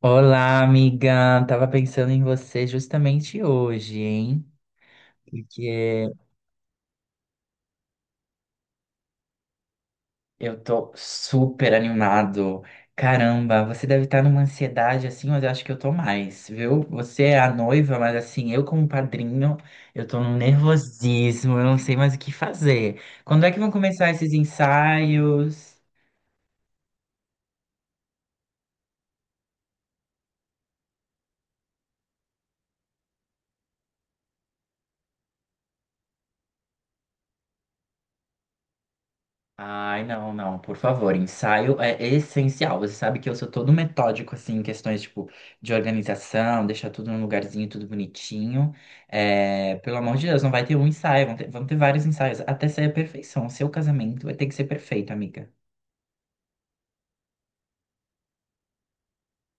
Olá, amiga. Tava pensando em você justamente hoje, hein? Porque eu tô super animado. Caramba, você deve estar numa ansiedade assim, mas eu acho que eu tô mais, viu? Você é a noiva, mas assim, eu como padrinho, eu tô num nervosismo, eu não sei mais o que fazer. Quando é que vão começar esses ensaios? Ai, não, não, por favor, ensaio é essencial. Você sabe que eu sou todo metódico, assim, em questões, tipo, de organização, deixar tudo num lugarzinho, tudo bonitinho. É, pelo amor de Deus, não vai ter um ensaio, vão ter vários ensaios, até sair a perfeição. O seu casamento vai ter que ser perfeito, amiga.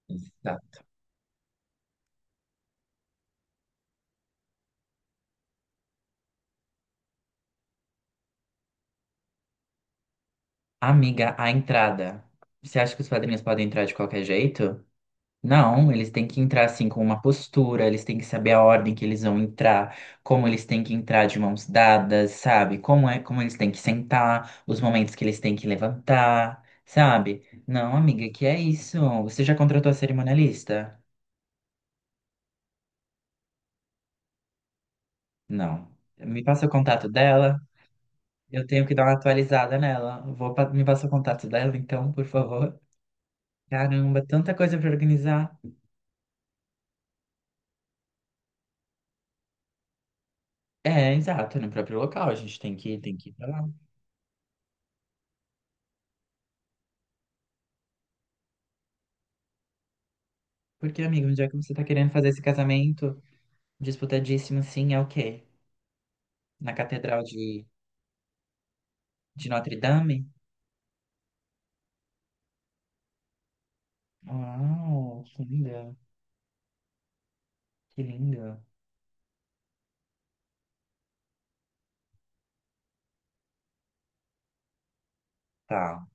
Exato. Amiga, a entrada. Você acha que os padrinhos podem entrar de qualquer jeito? Não, eles têm que entrar assim com uma postura, eles têm que saber a ordem que eles vão entrar, como eles têm que entrar de mãos dadas, sabe? Como é, como eles têm que sentar, os momentos que eles têm que levantar, sabe? Não, amiga, que é isso? Você já contratou a cerimonialista? Não. Me passa o contato dela, eu tenho que dar uma atualizada nela. Me passa o contato dela, então, por favor. Caramba, tanta coisa para organizar. É, exato, no próprio local, a gente tem que ir pra lá. Porque, amigo, já que você tá querendo fazer esse casamento disputadíssimo, assim, é o quê? Na Catedral de Notre Dame? Uau, que linda, que linda. Tá.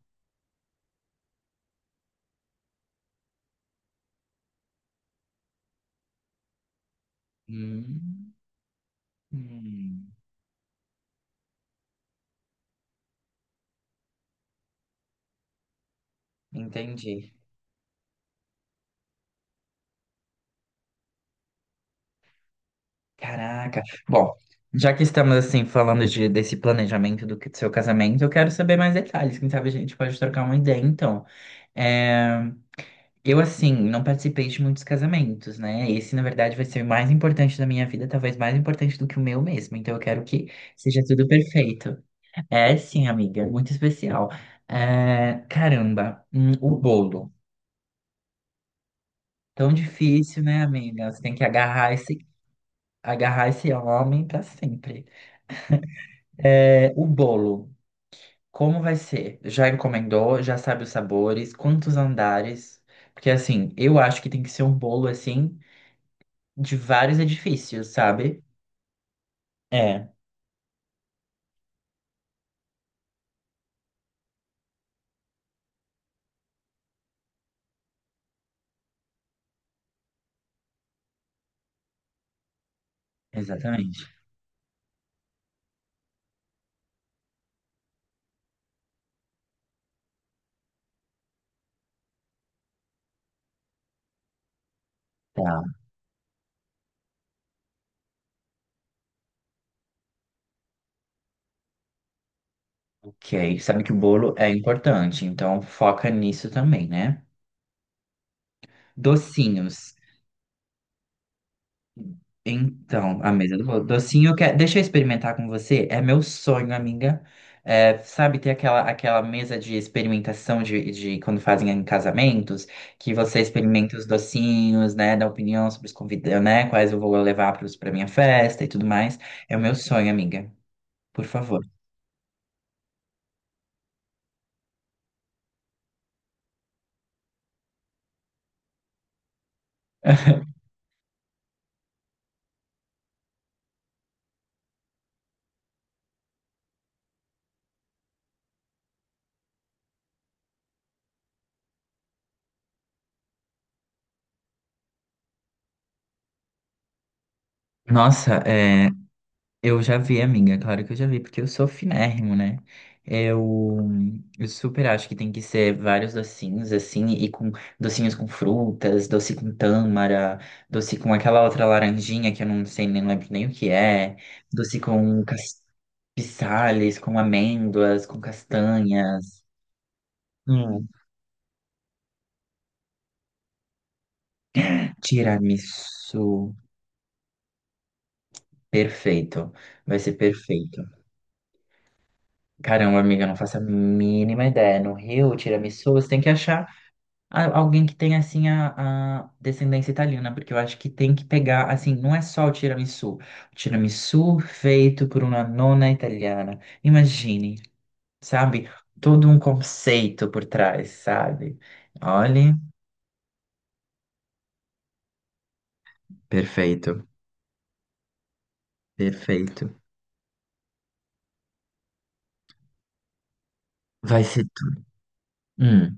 Hum, hum, entendi. Caraca. Bom, já que estamos, assim, desse planejamento do seu casamento, eu quero saber mais detalhes. Quem sabe a gente pode trocar uma ideia, então. É, eu, assim, não participei de muitos casamentos, né? Esse, na verdade, vai ser o mais importante da minha vida, talvez mais importante do que o meu mesmo. Então, eu quero que seja tudo perfeito. É, sim, amiga, muito especial. É, caramba, o bolo. Tão difícil, né, amiga? Você tem que agarrar esse homem pra sempre. É, o bolo, como vai ser? Já encomendou? Já sabe os sabores? Quantos andares? Porque, assim, eu acho que tem que ser um bolo, assim, de vários edifícios, sabe? É, exatamente. Tá, ok. Sabe que o bolo é importante, então foca nisso também, né? Docinhos. Então, a mesa do bolo. Docinho, eu quero... deixa eu experimentar com você. É meu sonho, amiga. É, sabe, ter aquela mesa de experimentação de quando fazem em casamentos, que você experimenta os docinhos, né? Dá opinião sobre os convidados, né? Quais eu vou pra minha festa e tudo mais. É o meu sonho, amiga. Por favor. Nossa, é. Eu já vi, amiga, claro que eu já vi, porque eu sou finérrimo, né? Eu, eu super acho que tem que ser vários docinhos, assim, e com docinhos com frutas, doce com tâmara, doce com aquela outra laranjinha que eu não sei, nem lembro nem o que é, doce com cas- pisales, com amêndoas, com castanhas. Hum, tiramisu, perfeito. Vai ser perfeito. Caramba, amiga, eu não faço a mínima ideia. No Rio, tiramisu, você tem que achar alguém que tem assim, a descendência italiana, porque eu acho que tem que pegar, assim, não é só o tiramisu. O tiramisu feito por uma nona italiana. Imagine, sabe? Todo um conceito por trás, sabe? Olha, perfeito, perfeito. Vai ser tudo. Hum,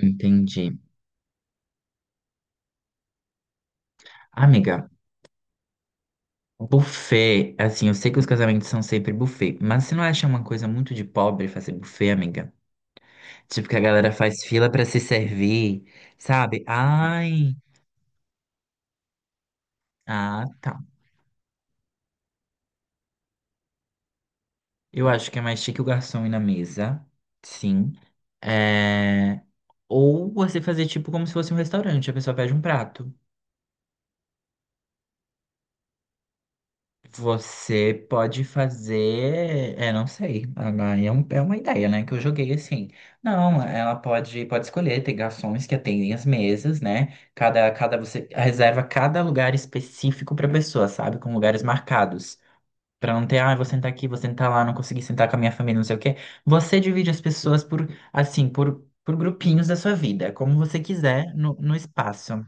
entendi. Amiga, buffet, assim, eu sei que os casamentos são sempre buffet, mas você não acha uma coisa muito de pobre fazer buffet, amiga? Tipo que a galera faz fila pra se servir, sabe? Ai, ah, tá. Eu acho que é mais chique o garçom ir na mesa, sim. É... ou você fazer tipo como se fosse um restaurante, a pessoa pede um prato. Você pode fazer, é, não sei, agora é, é uma ideia, né, que eu joguei assim. Não, ela pode escolher, tem garçons que atendem as mesas, né? Cada você reserva cada lugar específico para pessoa, sabe? Com lugares marcados. Pra não ter, ah, eu vou sentar aqui, vou sentar lá, não consegui sentar com a minha família, não sei o quê. Você divide as pessoas por grupinhos da sua vida, como você quiser, no espaço.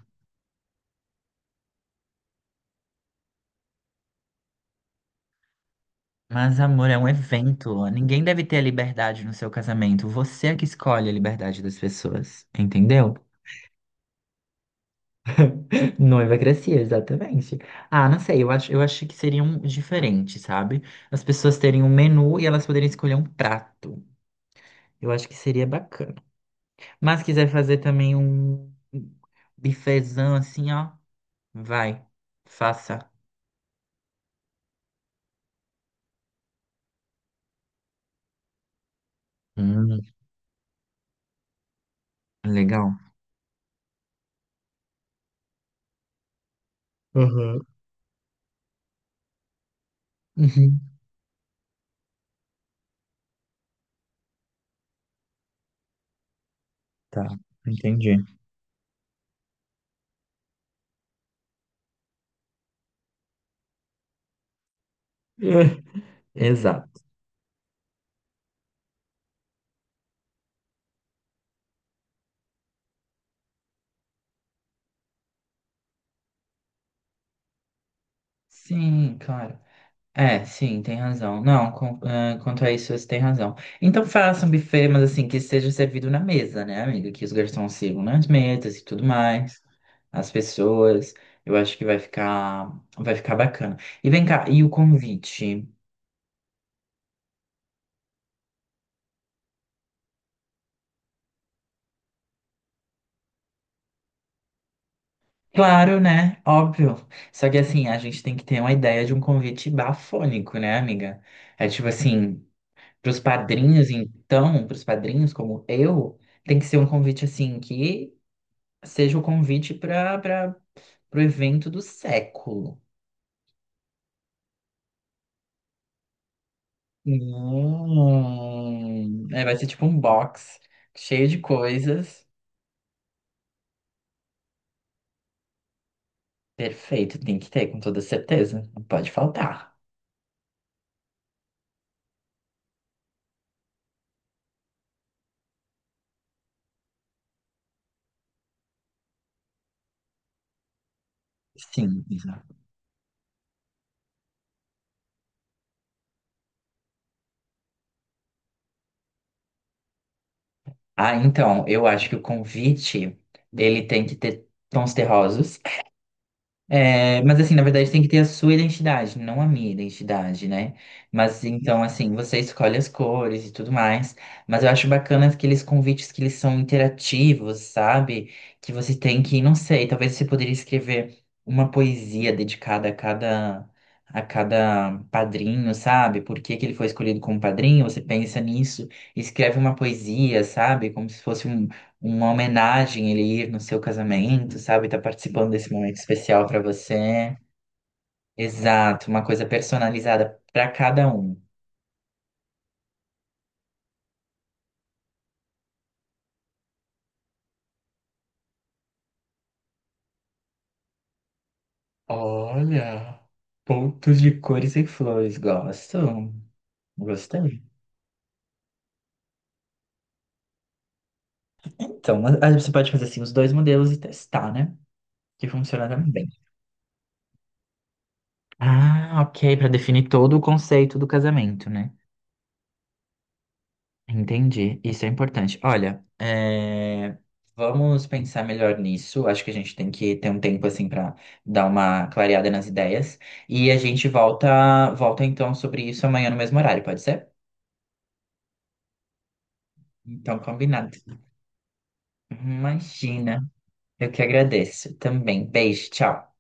Mas, amor, é um evento. Ninguém deve ter a liberdade no seu casamento. Você é que escolhe a liberdade das pessoas, entendeu? Noiva crescia, exatamente. Ah, não sei, eu acho que seria um diferente, sabe? As pessoas terem um menu e elas poderem escolher um prato. Eu acho que seria bacana. Mas quiser fazer também um bifezão assim, ó, vai, faça. Hum, Legal. Uhum. Uhum. Tá, entendi. É, exato. Sim, claro. É, sim, tem razão. Não, com- é, quanto a isso, você tem razão. Então faça um buffet, mas assim, que seja servido na mesa, né, amiga? Que os garçons sirvam nas mesas e tudo mais. As pessoas. Eu acho que vai ficar bacana. E vem cá, e o convite? Claro, né? Óbvio. Só que assim, a gente tem que ter uma ideia de um convite bafônico, né, amiga? É tipo assim, pros padrinhos, então, pros padrinhos como eu, tem que ser um convite assim que seja o convite para pro evento do século. Hum. É, vai ser tipo um box cheio de coisas. Perfeito, tem que ter, com toda certeza. Não pode faltar. Sim. Ah, então, eu acho que o convite, ele tem que ter tons terrosos. É, mas assim, na verdade, tem que ter a sua identidade, não a minha identidade, né? Mas então, assim, você escolhe as cores e tudo mais. Mas eu acho bacana aqueles convites que eles são interativos, sabe? Que você tem que, não sei, talvez você poderia escrever uma poesia dedicada a cada padrinho, sabe? Por que que ele foi escolhido como padrinho? Você pensa nisso, escreve uma poesia, sabe? Como se fosse uma homenagem ele ir no seu casamento, sabe? Tá participando desse momento especial pra você. Exato, uma coisa personalizada pra cada um. Olha, pontos de cores e flores, gosto. Gostei. Então, mas aí você pode fazer assim os dois modelos e testar, né? Que funciona também bem. Ah, ok, pra definir todo o conceito do casamento, né? Entendi, isso é importante. Olha, é, vamos pensar melhor nisso. Acho que a gente tem que ter um tempo assim para dar uma clareada nas ideias e a gente volta então sobre isso amanhã no mesmo horário, pode ser? Então, combinado. Imagina, eu que agradeço também. Beijo, tchau.